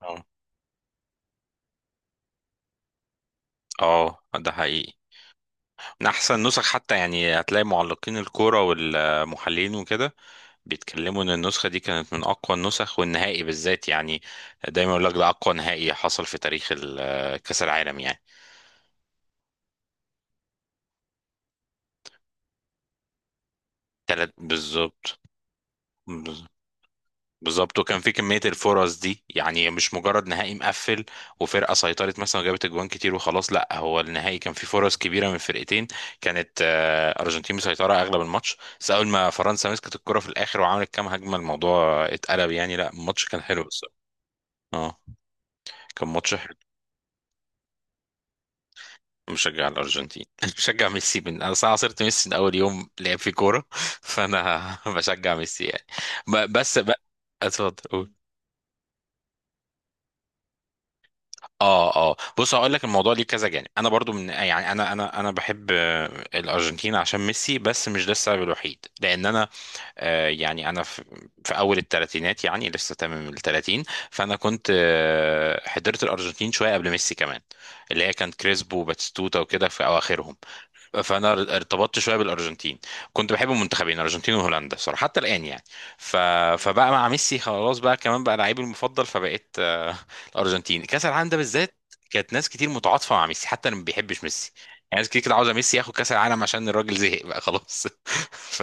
اه. اه ده حقيقي. من احسن نسخ حتى، يعني هتلاقي معلقين الكوره والمحللين وكده بيتكلموا ان النسخه دي كانت من اقوى النسخ، والنهائي بالذات يعني دايما يقول لك ده اقوى نهائي حصل في تاريخ كاس العالم يعني. تلات بالظبط، بالظبط. وكان في كمية الفرص دي، يعني مش مجرد نهائي مقفل وفرقة سيطرت مثلا وجابت اجوان كتير وخلاص، لا هو النهائي كان فيه فرص كبيرة من فرقتين. كانت أرجنتين مسيطرة أغلب الماتش، بس أول ما فرنسا مسكت الكرة في الآخر وعملت كام هجمة الموضوع اتقلب، يعني لا الماتش كان حلو الصراحة. اه كان ماتش حلو. مشجع الأرجنتين مشجع ميسي. من أنا صراحة صرت ميسي من أول يوم لعب في كورة، فأنا بشجع ميسي يعني. بس بقى، اتفضل قول. اه اه، بص هقول لك الموضوع ليه كذا جانب. انا برضو من، يعني انا بحب الارجنتين عشان ميسي، بس مش ده السبب الوحيد، لان انا يعني انا في اول الثلاثينات يعني لسه تمام ال 30. فانا كنت حضرت الارجنتين شويه قبل ميسي كمان، اللي هي كانت كريسبو وباتيستوتا وكده في اواخرهم. فانا ارتبطت شويه بالارجنتين، كنت بحب المنتخبين الارجنتين وهولندا صراحه، حتى الان يعني. ف... فبقى مع ميسي خلاص، بقى كمان بقى لعيبي المفضل، فبقيت الارجنتين كاس العالم ده بالذات. كانت ناس كتير متعاطفه مع ميسي حتى اللي ما بيحبش ميسي، يعني ناس كتير كده عاوزه ميسي ياخد كاس العالم عشان الراجل زهق بقى خلاص. ف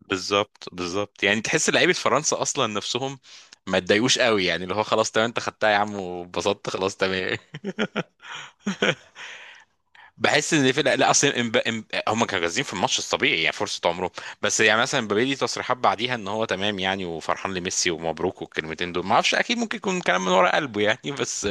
بالظبط بالظبط، يعني تحس لعيبه فرنسا اصلا نفسهم ما اتضايقوش قوي، يعني اللي هو خلاص تمام انت خدتها يا عم وبسطت خلاص تمام. بحس ان في، لا اصلا هم كانوا جاهزين في الماتش الطبيعي يعني فرصه عمرهم. بس يعني مثلا مبابي ليه تصريحات بعديها ان هو تمام يعني وفرحان لميسي ومبروك والكلمتين دول، ما اعرفش اكيد، ممكن يكون كلام من ورا قلبه يعني بس.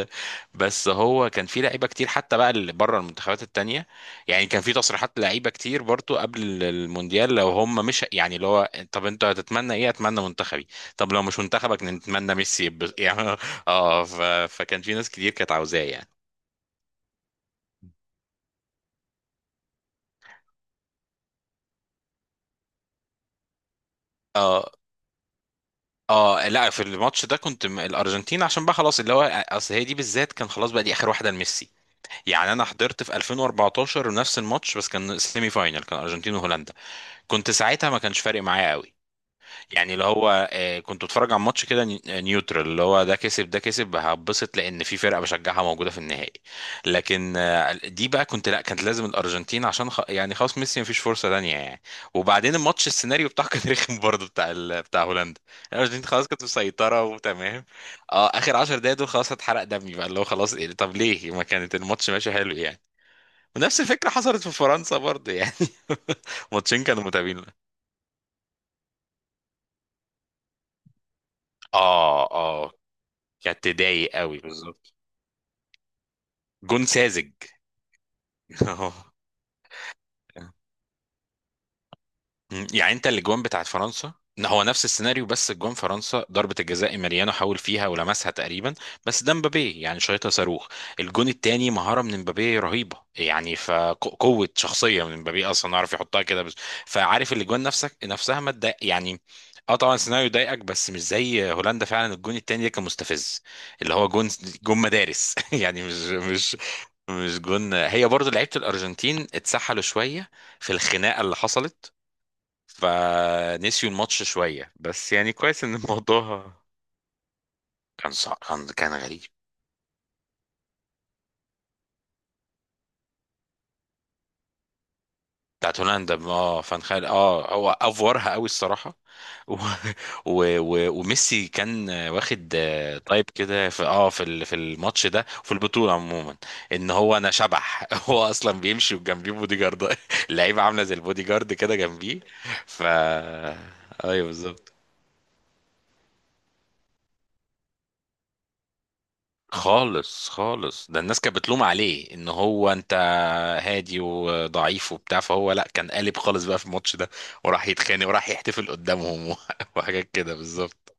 بس هو كان في لعيبه كتير حتى بقى اللي بره المنتخبات التانيه، يعني كان في تصريحات لعيبه كتير برضو قبل المونديال، لو هم مش يعني اللي هو، طب انت هتتمنى ايه؟ اتمنى منتخبي. طب لو مش منتخبك نتمنى ميسي، يعني اه، فكان في ناس كتير كانت عاوزاه يعني. اه اه، لا في الماتش ده كنت الارجنتين، عشان بقى خلاص اللي هو، اصل هي دي بالذات كان خلاص بقى دي اخر واحده لميسي. يعني انا حضرت في 2014 نفس الماتش بس كان سيمي فاينل، كان ارجنتين وهولندا، كنت ساعتها ما كانش فارق معايا قوي، يعني اللي هو كنت بتفرج على ماتش كده نيوترال، اللي هو ده كسب ده كسب هبسط لان في فرقه بشجعها موجوده في النهائي. لكن دي بقى كنت لا كانت لازم الارجنتين عشان يعني خلاص ميسي مفيش فرصه تانيه يعني. وبعدين الماتش السيناريو بتاعه كان رخم برضه بتاع هولندا. الارجنتين خلاص كانت مسيطره وتمام، اه اخر 10 دقايق دول خلاص هتحرق دمي بقى، اللي هو خلاص طب ليه ما كانت الماتش ماشي حلو يعني. ونفس الفكره حصلت في فرنسا برضه يعني ماتشين كانوا متابعين. اه اه، كانت تضايق قوي بالظبط. جون ساذج. اهو. مم. يعني انت الاجوان بتاعت فرنسا، إن هو نفس السيناريو، بس اجوان فرنسا ضربة الجزاء ماريانو حاول فيها ولمسها تقريبا، بس ده مبابي يعني شايطة صاروخ. الجون التاني مهارة من مبابي رهيبة، يعني فقوة شخصية من مبابي اصلا عارف يحطها كده بس. فعارف الاجوان نفسها ما تضايق يعني، اه طبعا السيناريو ضايقك، بس مش زي هولندا فعلا، الجون التاني ده كان مستفز. اللي هو جون، جون مدارس يعني مش مش جون. هي برضو لعيبة الارجنتين اتسحلوا شوية في الخناقة اللي حصلت، فنسيوا الماتش شوية، بس يعني كويس ان الموضوع، صعب كان كان غريب. بتاعت هولندا، اه فان خال، اه هو افورها قوي الصراحة و... وميسي كان واخد تايب كده في في الماتش ده وفي البطولة عموما، ان هو انا شبح هو اصلا بيمشي وجنبيه بودي جارد، اللعيبة عاملة زي البودي جارد كده جنبيه. ف ايوه بالظبط، خالص خالص، ده الناس كانت بتلوم عليه ان هو انت هادي وضعيف وبتاع، فهو لا كان قالب خالص بقى في الماتش ده، وراح يتخانق وراح يحتفل قدامهم، وحاجات كده بالظبط.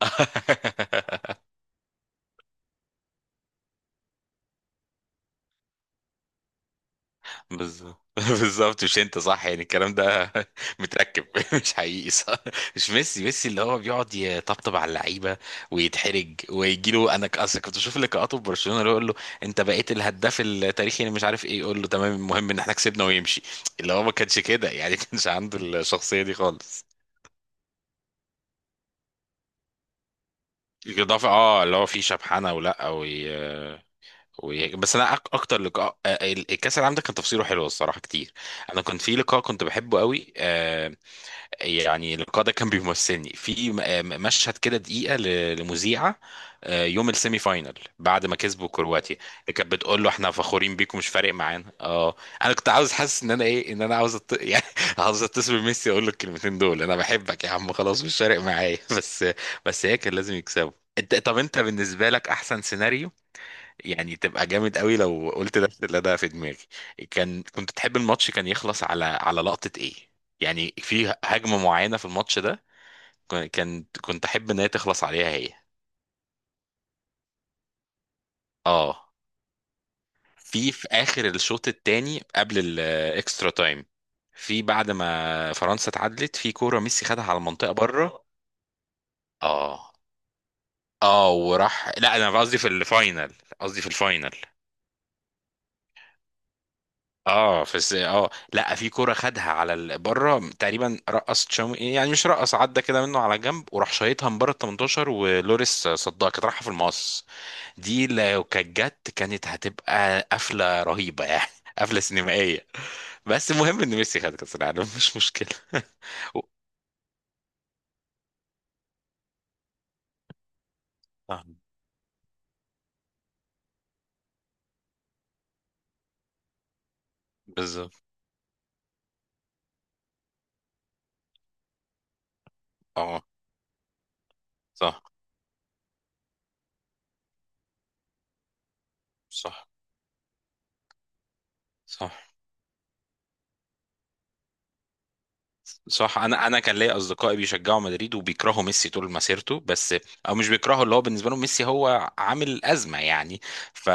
بالظبط. بالظبط مش انت، صح يعني الكلام ده. متركب مش حقيقي صح. مش ميسي، ميسي اللي هو بيقعد يطبطب على اللعيبه ويتحرج ويجي له، انا اصل كنت بشوف لقاءاته في برشلونه اللي هو يقول له انت بقيت الهداف التاريخي اللي مش عارف ايه، يقول له تمام المهم ان احنا كسبنا ويمشي. اللي هو ما كانش كده يعني ما كانش عنده الشخصيه دي خالص. الاضافه اه اللي هو فيه شبحانه ولا بس انا اكتر لقاء الكاس العالم ده كان تفصيله حلو الصراحه كتير. انا كنت في لقاء كنت بحبه قوي. يعني اللقاء ده كان بيمثلني في مشهد كده دقيقة لمذيعة يوم السيمي فاينل، بعد ما كسبوا كرواتيا، اللي كانت بتقول له احنا فخورين بيكم مش فارق معانا اه. انا كنت عاوز، حاسس ان انا ايه، ان انا عاوز يعني عاوز اتصل بميسي اقول له الكلمتين دول، انا بحبك يا عم خلاص مش فارق معايا بس. بس هي كان لازم يكسبوا. انت طب انت بالنسبة لك احسن سيناريو، يعني تبقى جامد قوي لو قلت نفس اللي ده في دماغي. كنت تحب الماتش كان يخلص على على لقطة ايه؟ يعني في هجمة معينة في الماتش ده، كان كنت احب ان هي تخلص عليها هي. اه، في في اخر الشوط الثاني قبل الاكسترا تايم، في بعد ما فرنسا اتعادلت، في كورة ميسي خدها على المنطقة بره. اه اه، وراح لا انا قصدي في الفاينل، قصدي في الفاينل. اه لا، في كرة خدها على بره تقريبا، رقص تشاومي يعني مش رقص، عدى كده منه على جنب وراح شايطها من بره ال 18، ولوريس صدها كانت رايحة في المقص. دي لو كانت جت كانت هتبقى قفلة رهيبة يعني قفلة سينمائية. بس المهم ان ميسي خد كأس العالم مش مشكلة. و- آه، بالظبط اه. صح صح صح صح. انا، انا كان ليا اصدقائي بيشجعوا مدريد وبيكرهوا ميسي طول مسيرته، بس او مش بيكرهوا، اللي هو بالنسبه لهم ميسي هو عامل ازمه يعني. ف...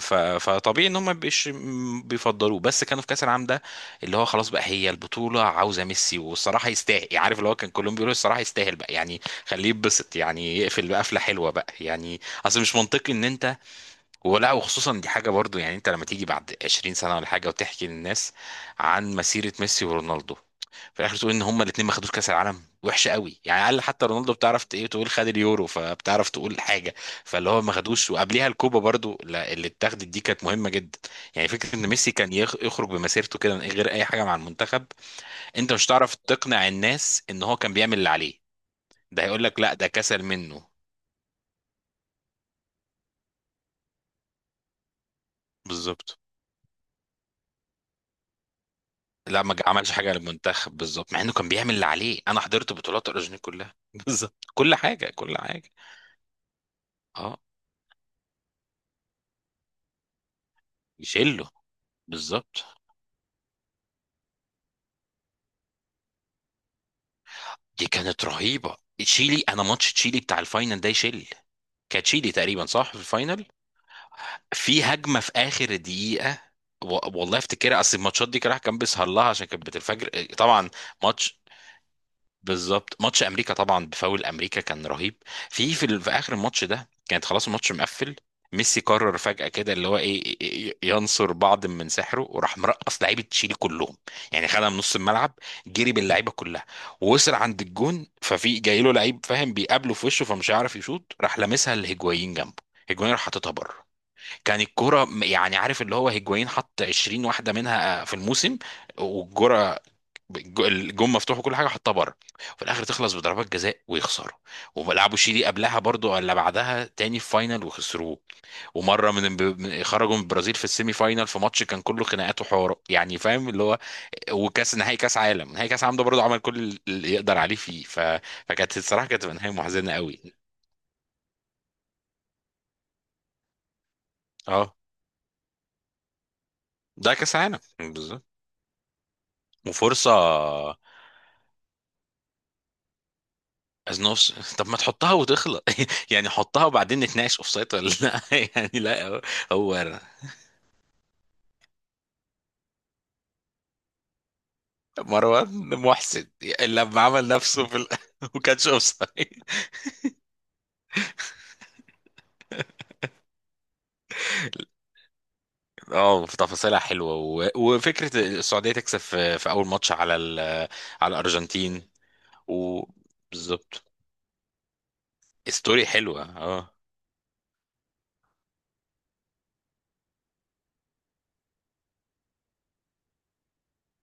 فطبيعي ان هم ما بيش... م- بيفضلوه، بس كانوا في كاس العالم ده اللي هو خلاص بقى هي البطوله عاوزه ميسي، والصراحه يستاهل يعني، عارف اللي هو كان كلهم بيقولوا الصراحه يستاهل بقى يعني، خليه يتبسط يعني يقفل بقفله حلوه بقى يعني. اصل مش منطقي ان انت، ولا وخصوصا دي حاجه برضو، يعني انت لما تيجي بعد 20 سنه ولا حاجه وتحكي للناس عن مسيره ميسي ورونالدو، في الاخر تقول ان هما الاثنين ما خدوش كاس العالم، وحشه قوي يعني. اقل حتى رونالدو بتعرف ايه تقول، خد اليورو فبتعرف تقول حاجه. فاللي هو ما خدوش، وقبليها الكوبا برضو اللي اتاخدت دي كانت مهمه جدا. يعني فكره ان ميسي كان يخرج بمسيرته كده من غير اي حاجه مع المنتخب، انت مش هتعرف تقنع الناس ان هو كان بيعمل اللي عليه، ده هيقول لك لا ده كسل منه. بالظبط. لا ما عملش حاجه للمنتخب بالظبط، مع انه كان بيعمل اللي عليه. انا حضرت بطولات الارجنتين كلها بالظبط، كل حاجه. اه يشيله، بالظبط. دي كانت رهيبة تشيلي، انا ماتش تشيلي بتاع الفاينل ده يشيل، كانت تشيلي تقريبا صح في الفاينل. في هجمة في اخر دقيقة، والله افتكرها، اصل الماتشات دي كراح كان بيسهر لها عشان كانت بتنفجر طبعا. ماتش بالظبط، ماتش امريكا طبعا بفاول امريكا كان رهيب. في في اخر الماتش ده كانت خلاص الماتش مقفل، ميسي قرر فجأة كده اللي هو ايه ينصر بعض من سحره وراح مرقص لعيبه تشيلي كلهم، يعني خدها من نص الملعب، جري باللعيبه كلها، ووصل عند الجون، ففي جاي له لعيب فاهم بيقابله في وشه فمش هيعرف يشوط، راح لامسها لهيجوايين جنبه، هيجوايين راح حاططها بره. كان الكرة يعني عارف اللي هو هيجوايين حط 20 واحدة منها في الموسم. والكرة، الجون مفتوح وكل حاجه حطها بره، وفي الاخر تخلص بضربات جزاء ويخسروا. ولعبوا شيلي قبلها برضو ولا بعدها تاني في فاينل وخسروه. ومره خرجوا من البرازيل في السيمي فاينل في ماتش كان كله خناقات وحوارات يعني، فاهم اللي هو. وكاس نهائي كاس عالم نهائي كاس عالم ده برضو عمل كل اللي يقدر عليه فيه. فكانت الصراحه كانت تبقى نهايه محزنه قوي. اه ده كاس عالم بالظبط. وفرصه ازنوفس، طب ما تحطها وتخلص يعني حطها وبعدين نتناقش اوف سايد ولا لا يعني لا. هو مروان محسن لما عمل نفسه في وكانش اوف سايد. اه، في تفاصيلها حلوه وفكره السعوديه تكسب في اول ماتش على على الارجنتين. و بالظبط. ستوري حلوه اه.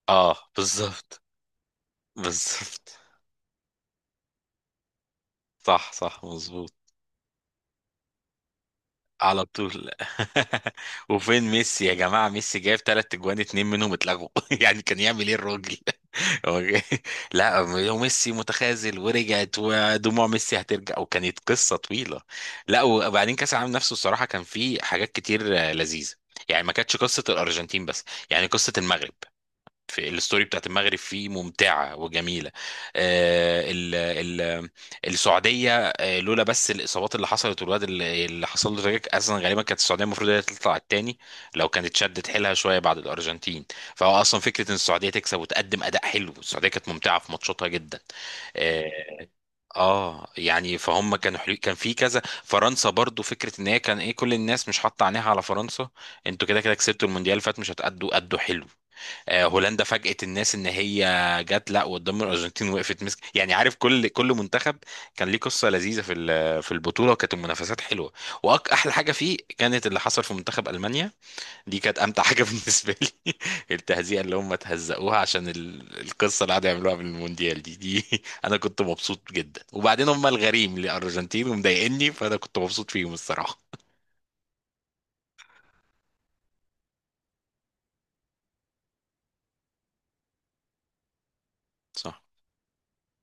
اه بالظبط، بالظبط، صح، صح مظبوط. على طول. وفين ميسي يا جماعه؟ ميسي جايب ثلاث اجوان اتنين منهم اتلغوا يعني كان يعمل ايه الراجل؟ أوكي. لا وميسي متخاذل، ورجعت ودموع ميسي هترجع، وكانت قصة طويلة. لا وبعدين كأس العالم نفسه الصراحة كان فيه حاجات كتير لذيذة، يعني ما كانتش قصة الأرجنتين بس، يعني قصة المغرب، في الستوري بتاعت المغرب فيه ممتعة وجميلة. آه، ال ال السعودية، لولا بس الإصابات اللي حصلت والواد اللي حصل له تراجيك، أصلا غالبا كانت السعودية المفروض هي تطلع التاني لو كانت شدت حيلها شوية بعد الأرجنتين. فهو أصلا فكرة إن السعودية تكسب وتقدم أداء حلو، السعودية كانت ممتعة في ماتشاتها جدا. آه، اه يعني فهم كانوا حلو، كان في كذا. فرنسا برضو فكره ان هي كان ايه، كل الناس مش حاطه عينيها على فرنسا، انتوا كده كده كسبتوا المونديال اللي فات مش هتأدوا، أدوا حلو. هولندا فاجأت الناس ان هي جت لا وقدام الارجنتين وقفت مسك، يعني عارف كل منتخب كان ليه قصه لذيذه في في البطوله، وكانت المنافسات حلوه. واحلى حاجه فيه كانت اللي حصل في منتخب المانيا، دي كانت امتع حاجه بالنسبه لي. التهزيئه اللي هم تهزقوها عشان القصه اللي قعدوا يعملوها بالمونديال دي انا كنت مبسوط جدا، وبعدين هم الغريم للارجنتين ومضايقني فانا كنت مبسوط فيهم الصراحه. صح